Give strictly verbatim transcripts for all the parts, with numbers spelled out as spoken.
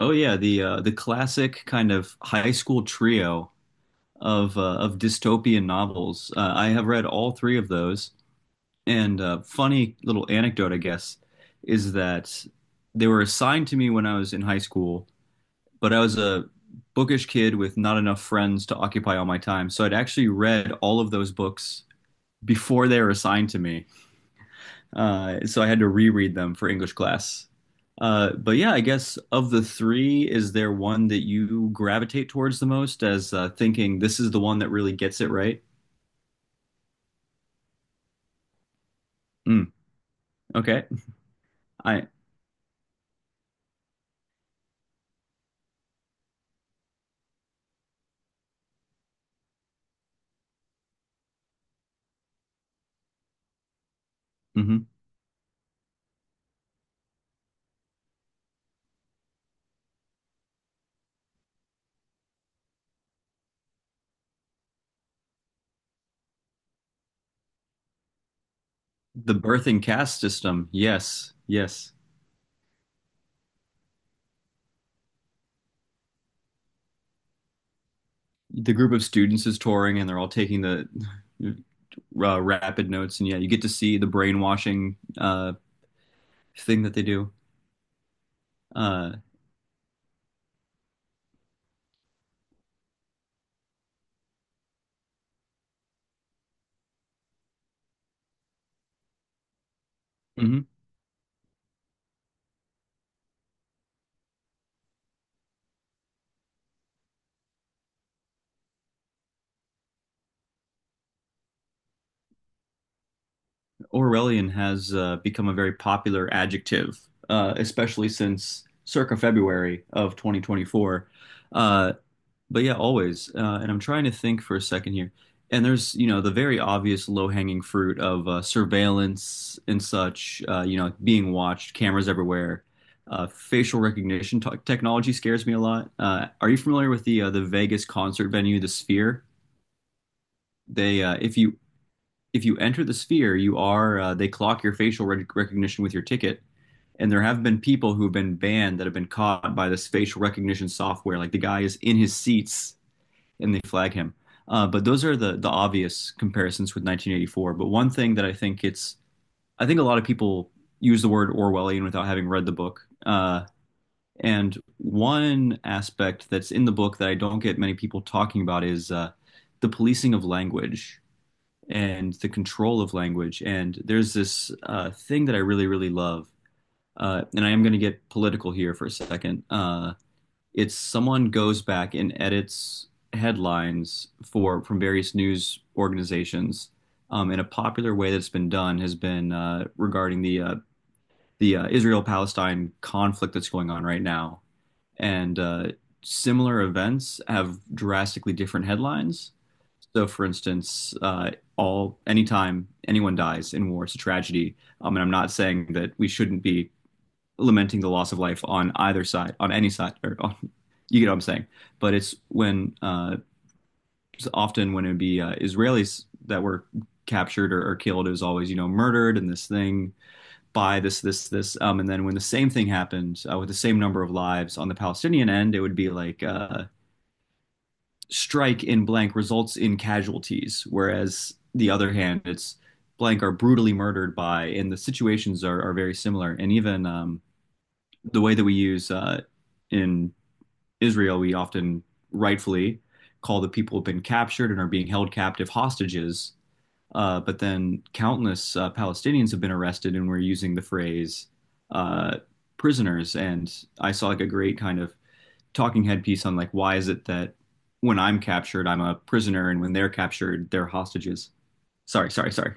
Oh yeah, the uh, the classic kind of high school trio of uh, of dystopian novels. Uh, I have read all three of those. And uh, funny little anecdote, I guess, is that they were assigned to me when I was in high school, but I was a bookish kid with not enough friends to occupy all my time. So I'd actually read all of those books before they were assigned to me. Uh, so I had to reread them for English class. Uh, but yeah, I guess of the three, is there one that you gravitate towards the most as uh, thinking this is the one that really gets it right? Mm, okay. I Hmm. The birth and caste system. Yes, yes. The group of students is touring and they're all taking the uh, rapid notes, and yeah, you get to see the brainwashing uh, thing that they do. Uh, mhm. Orwellian has uh, become a very popular adjective, uh, especially since circa February of twenty twenty-four. Uh, but yeah, always. Uh, and I'm trying to think for a second here. And there's, you know, the very obvious low-hanging fruit of uh, surveillance and such, uh, you know, being watched, cameras everywhere. Uh, facial recognition t- technology scares me a lot. Uh, are you familiar with the uh, the Vegas concert venue, the Sphere? They, uh, if you if you enter the sphere, you are uh, they clock your facial rec- recognition with your ticket. And there have been people who have been banned that have been caught by this facial recognition software. Like the guy is in his seats and they flag him. Uh, but those are the the obvious comparisons with nineteen eighty-four. But one thing that I think it's, I think a lot of people use the word Orwellian without having read the book. Uh, and one aspect that's in the book that I don't get many people talking about is uh, the policing of language and the control of language. And there's this uh, thing that I really, really love. Uh, and I am going to get political here for a second. Uh, it's someone goes back and edits headlines for from various news organizations. Um, and a popular way that's been done has been uh, regarding the uh, the uh, Israel Palestine conflict that's going on right now and uh, similar events have drastically different headlines. So, for instance, uh, all anytime anyone dies in war, it's a tragedy. Um, and I'm not saying that we shouldn't be lamenting the loss of life on either side, on any side, or on, you get what I'm saying. But it's when uh, it's often when it'd be uh, Israelis that were captured or, or killed, it was always you know murdered and this thing by this, this, this. Um, and then when the same thing happened uh, with the same number of lives on the Palestinian end, it would be like uh, strike in blank results in casualties. Whereas the other hand, it's blank are brutally murdered by, and the situations are, are very similar. And even um, the way that we use uh, in Israel, we often rightfully call the people who've been captured and are being held captive hostages, uh, but then countless uh, Palestinians have been arrested and were using the phrase uh, prisoners. And I saw like a great kind of talking head piece on like, why is it that when I'm captured, I'm a prisoner, and when they're captured, they're hostages? Sorry, sorry, sorry.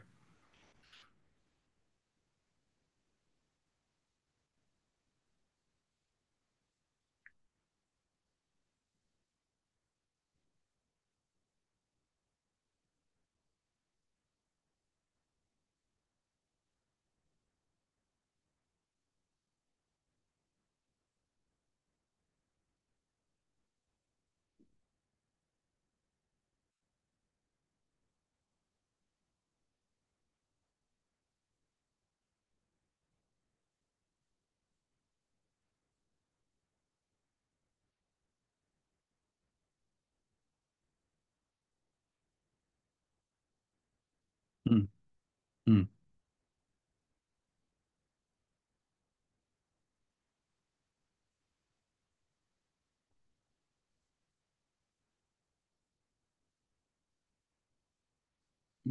Mm-hmm.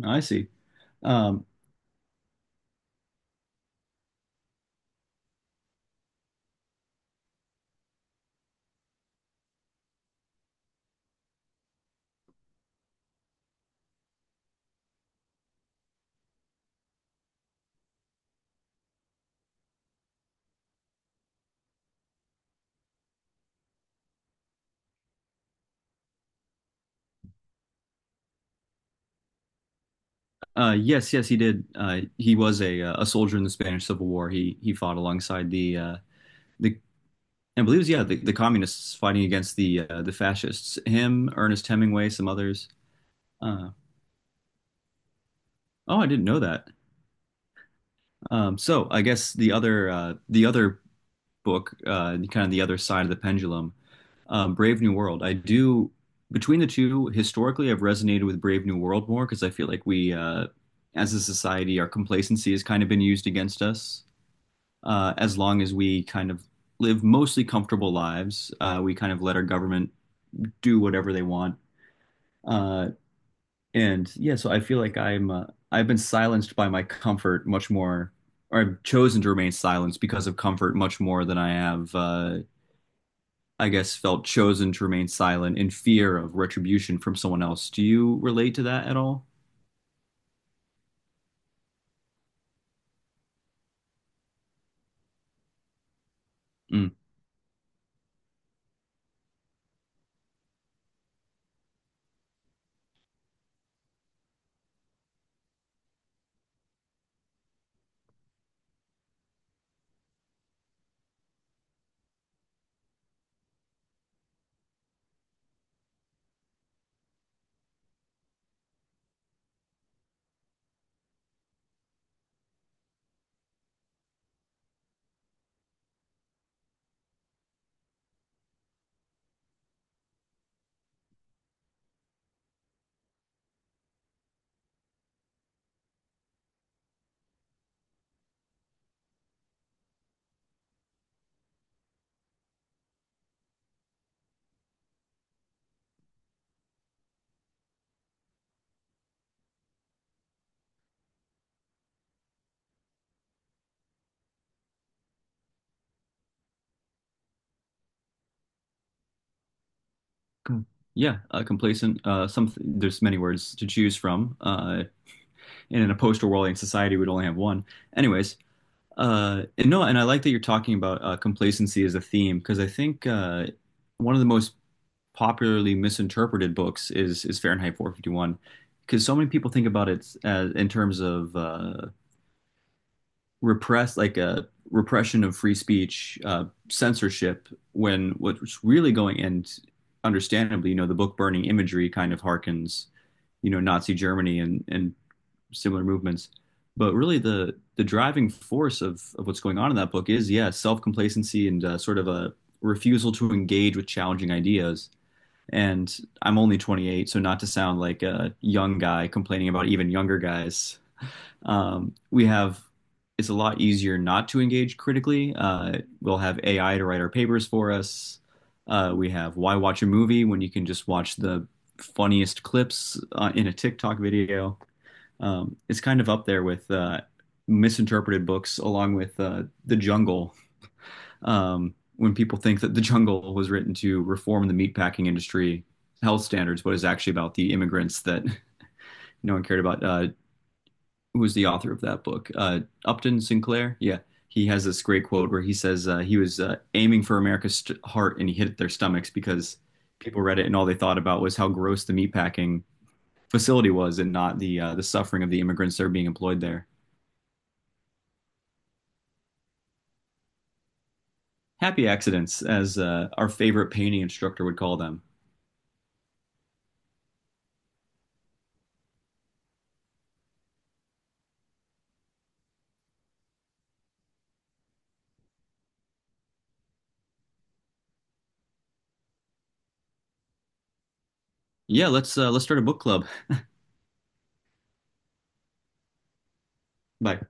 I see. Um, uh, yes, yes, he did. Uh, he was a uh, a soldier in the Spanish Civil War. He he fought alongside the uh, the, I believe it was, yeah, the, the communists fighting against the uh, the fascists. Him, Ernest Hemingway, some others. Uh, Oh, I didn't know that. Um, so I guess the other uh, the other book, uh, kind of the other side of the pendulum, um, Brave New World. I do Between the two, historically, I've resonated with Brave New World more because I feel like we, uh, as a society, our complacency has kind of been used against us. Uh, as long as we kind of live mostly comfortable lives, uh, we kind of let our government do whatever they want. Uh, And yeah, so I feel like I'm uh, I've been silenced by my comfort much more, or I've chosen to remain silenced because of comfort much more than I have, uh, I guess, felt chosen to remain silent in fear of retribution from someone else. Do you relate to that at all? Mm. Com- Yeah, uh, complacent. Uh, some There's many words to choose from. Uh, and in a post-Orwellian society, we'd only have one. Anyways, uh, and no, and I like that you're talking about uh, complacency as a theme because I think uh, one of the most popularly misinterpreted books is is Fahrenheit four fifty-one because so many people think about it as in terms of uh, repress like a repression of free speech, uh, censorship. When what's really going and understandably, you know, the book burning imagery kind of harkens you know Nazi Germany and and similar movements. But really, the the driving force of of what's going on in that book is yeah, self complacency and uh, sort of a refusal to engage with challenging ideas. And I'm only twenty-eight, so not to sound like a young guy complaining about even younger guys, um, we have it's a lot easier not to engage critically. Uh, we'll have A I to write our papers for us. Uh, we have Why watch a movie when you can just watch the funniest clips uh, in a TikTok video. Um, it's kind of up there with uh, misinterpreted books, along with uh, The Jungle, um, when people think that The Jungle was written to reform the meatpacking industry health standards, but is actually about the immigrants that no one cared about. Uh, who was the author of that book? Uh, Upton Sinclair? Yeah. He has this great quote where he says uh, he was uh, aiming for America's st- heart and he hit their stomachs because people read it and all they thought about was how gross the meatpacking facility was and not the uh, the suffering of the immigrants that are being employed there. Happy accidents, as uh, our favorite painting instructor would call them. Yeah, let's uh, let's start a book club. Bye.